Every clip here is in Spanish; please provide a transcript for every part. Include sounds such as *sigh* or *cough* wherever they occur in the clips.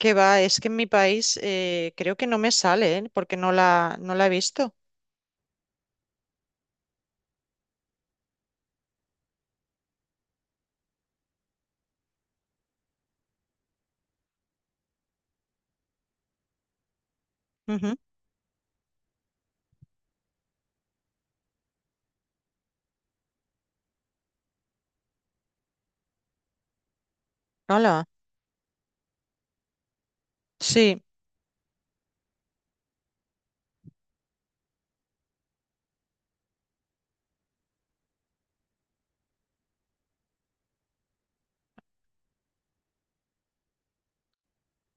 Que va, es que en mi país creo que no me sale, ¿eh? Porque no la he visto. Ujú. Hala. Sí,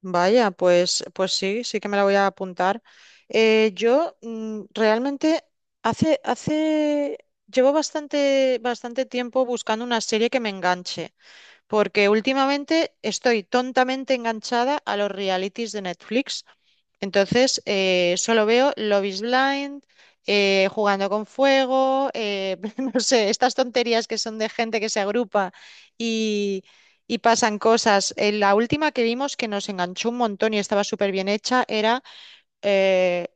vaya, pues sí, sí que me la voy a apuntar. Yo realmente hace, hace, llevo bastante tiempo buscando una serie que me enganche, porque últimamente estoy tontamente enganchada a los realities de Netflix. Entonces, solo veo Love is Blind, jugando con fuego, *laughs* no sé, estas tonterías que son de gente que se agrupa y, y pasan cosas. La última que vimos que nos enganchó un montón y estaba súper bien hecha era eh,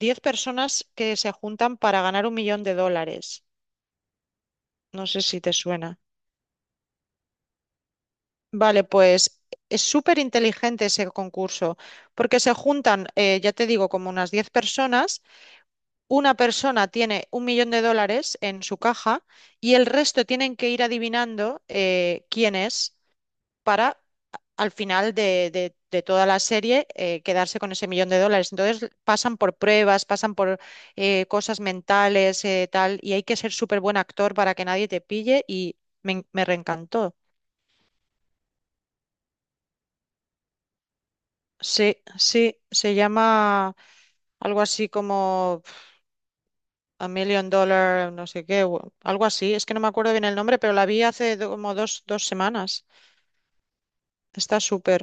10 personas que se juntan para ganar un millón de dólares. No sé si te suena. Vale, pues es súper inteligente ese concurso, porque se juntan, ya te digo, como unas 10 personas. Una persona tiene un millón de dólares en su caja y el resto tienen que ir adivinando quién es para, al final de toda la serie, quedarse con ese millón de dólares. Entonces pasan por pruebas, pasan por cosas mentales, tal, y hay que ser súper buen actor para que nadie te pille y me reencantó. Sí, sí, se llama algo así como A Million Dollar, no sé qué, o algo así. Es que no me acuerdo bien el nombre, pero la vi hace como dos semanas. Está súper.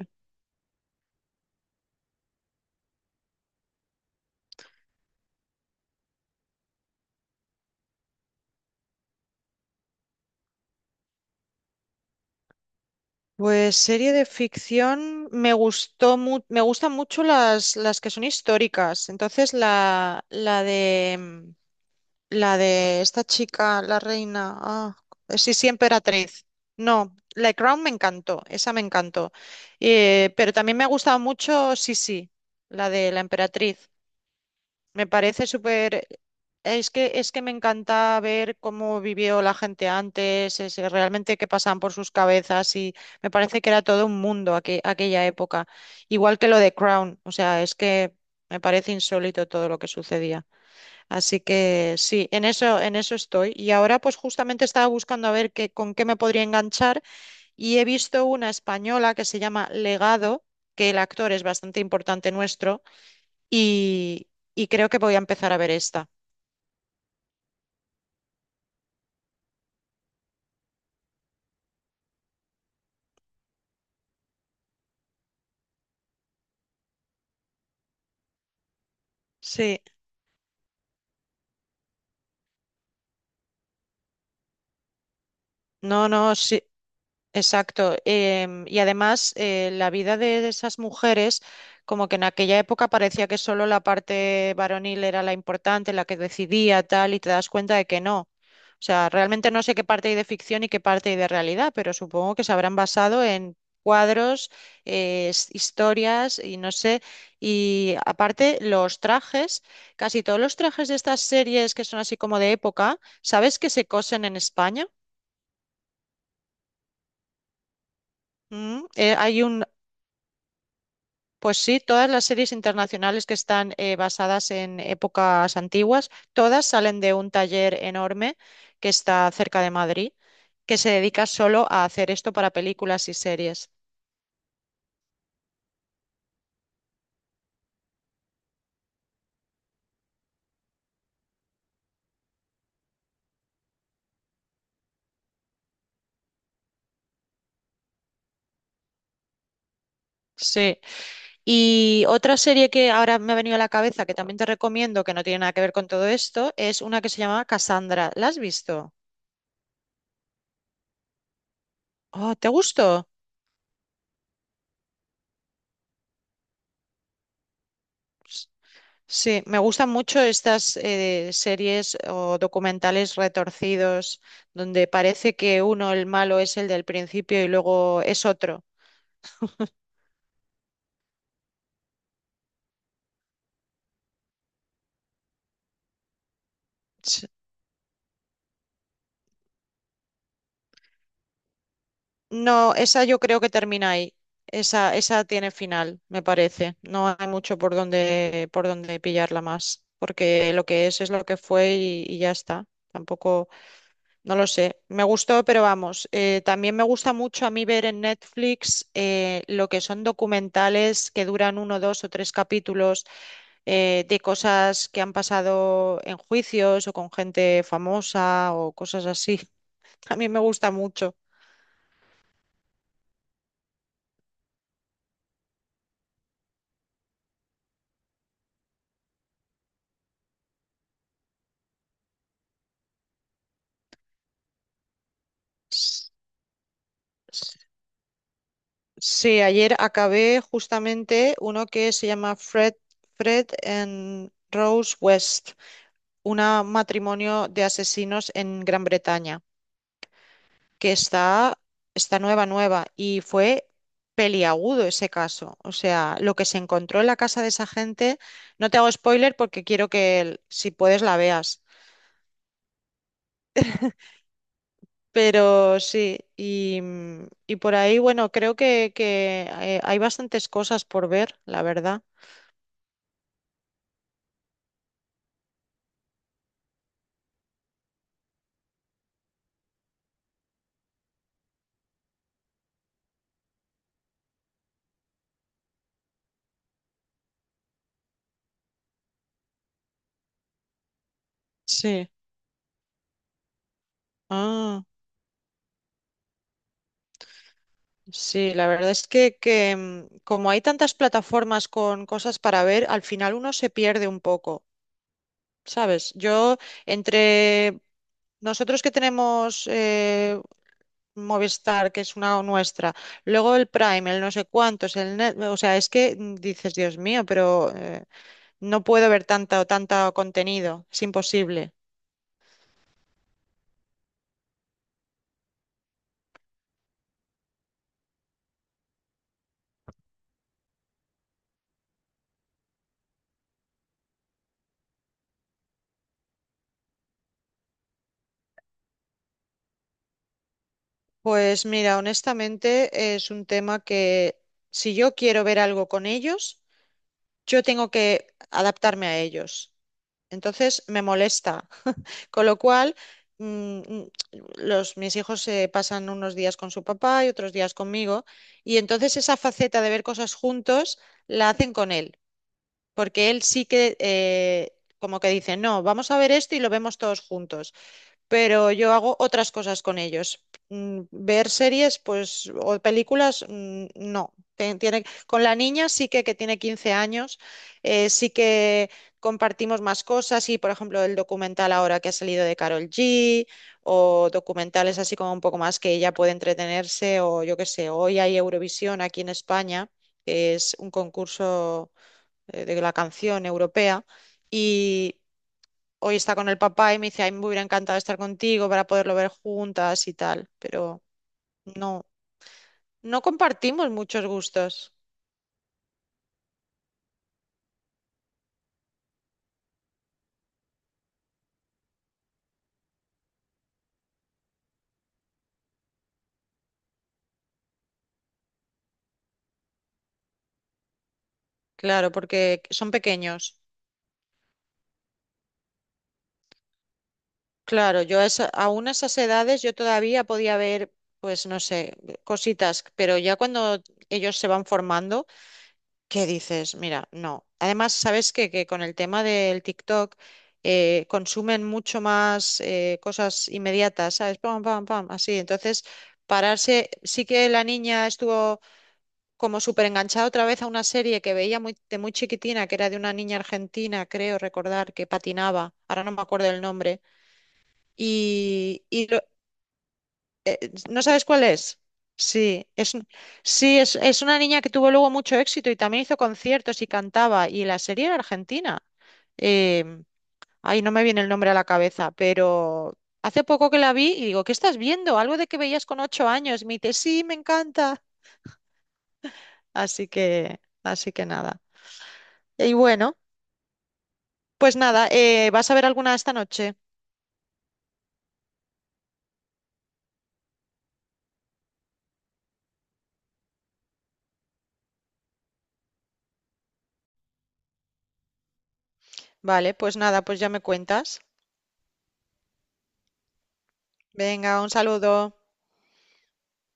Pues serie de ficción me gustan mucho las que son históricas. Entonces la de esta chica, la reina, ah, sí, sí, emperatriz. No, La Crown me encantó, esa me encantó. Pero también me ha gustado mucho, sí, sí, la de la emperatriz. Me parece súper. Es que me encanta ver cómo vivió la gente antes, realmente qué pasaban por sus cabezas, y me parece que era todo un mundo, aquella época. Igual que lo de Crown, o sea, es que me parece insólito todo lo que sucedía. Así que sí, en eso estoy. Y ahora pues justamente estaba buscando a ver con qué me podría enganchar, y he visto una española que se llama Legado, que el actor es bastante importante nuestro, y, y creo que voy a empezar a ver esta. Sí. No, no, sí. Exacto. Y además, la vida de esas mujeres, como que en aquella época parecía que solo la parte varonil era la importante, la que decidía, tal, y te das cuenta de que no. O sea, realmente no sé qué parte hay de ficción y qué parte hay de realidad, pero supongo que se habrán basado en cuadros, historias y no sé. Y aparte, los trajes, casi todos los trajes de estas series que son así como de época, ¿sabes que se cosen en España? Hay un. Pues sí, todas las series internacionales que están basadas en épocas antiguas, todas salen de un taller enorme que está cerca de Madrid, que se dedica solo a hacer esto para películas y series. Sí. Y otra serie que ahora me ha venido a la cabeza, que también te recomiendo, que no tiene nada que ver con todo esto, es una que se llama Cassandra. ¿La has visto? Oh, ¿te gustó? Sí, me gustan mucho estas series o documentales retorcidos donde parece que uno, el malo, es el del principio y luego es otro. S- No, esa yo creo que termina ahí. Esa tiene final, me parece. No hay mucho por donde pillarla más, porque lo que es lo que fue, y ya está. Tampoco. No lo sé, me gustó, pero vamos, también me gusta mucho a mí ver en Netflix lo que son documentales que duran uno, dos o tres capítulos, de cosas que han pasado en juicios o con gente famosa o cosas así. *laughs* A mí me gusta mucho. S- s- Sí, ayer acabé justamente uno que se llama Fred, Fred and Rose West, un matrimonio de asesinos en Gran Bretaña, que está nueva, nueva, y fue peliagudo ese caso. O sea, lo que se encontró en la casa de esa gente, no te hago spoiler porque quiero que, si puedes, la veas. Pero sí, y, y por ahí, bueno, creo hay bastantes cosas por ver, la verdad. Sí. Ah, sí, la verdad es que, como hay tantas plataformas con cosas para ver, al final uno se pierde un poco, ¿sabes? Yo, entre nosotros, que tenemos Movistar, que es una nuestra, luego el Prime, el no sé cuántos, el o sea, es que, dices, Dios mío, pero no puedo ver tanta o tanto contenido, es imposible. Pues mira, honestamente es un tema que, si yo quiero ver algo con ellos, yo tengo que adaptarme a ellos. Entonces me molesta. Con lo cual, mm, mm, mis hijos se pasan unos días con su papá y otros días conmigo, y entonces esa faceta de ver cosas juntos la hacen con él, porque él sí que, como que dice, no, vamos a ver esto y lo vemos todos juntos, pero yo hago otras cosas con ellos. Ver series, pues, o películas, no. Tiene, con la niña sí que tiene 15 años, sí que compartimos más cosas y, por ejemplo, el documental ahora que ha salido de Carol G, o documentales así como un poco más que ella puede entretenerse, o yo qué sé. Hoy hay Eurovisión aquí en España, que es un concurso, de la canción europea, y hoy está con el papá y me dice, ay, me hubiera encantado estar contigo para poderlo ver juntas y tal, pero no, no compartimos muchos gustos, claro, porque son pequeños. Claro, yo a aún a esas edades yo todavía podía ver, pues no sé, cositas, pero ya cuando ellos se van formando. ¿Qué dices? Mira, no. Además, sabes que, con el tema del TikTok, consumen mucho más, cosas inmediatas, ¿sabes? Pam, pam, pam, así. Entonces, pararse, sí que la niña estuvo como súper enganchada otra vez a una serie que veía de muy chiquitina, que era de una niña argentina, creo recordar, que patinaba, ahora no me acuerdo el nombre. Y, y lo- eh, ¿No sabes cuál es? Sí, es, un- sí es una niña que tuvo luego mucho éxito y también hizo conciertos y cantaba. Y la serie era argentina. Em, Ay, no me viene el nombre a la cabeza, pero hace poco que la vi y digo, ¿qué estás viendo? Algo de que veías con 8 años. Y me dice, sí, me encanta. Así que nada. Y bueno, pues nada, ¿vas a ver alguna esta noche? Vale, pues nada, pues ya me cuentas. Venga, un saludo.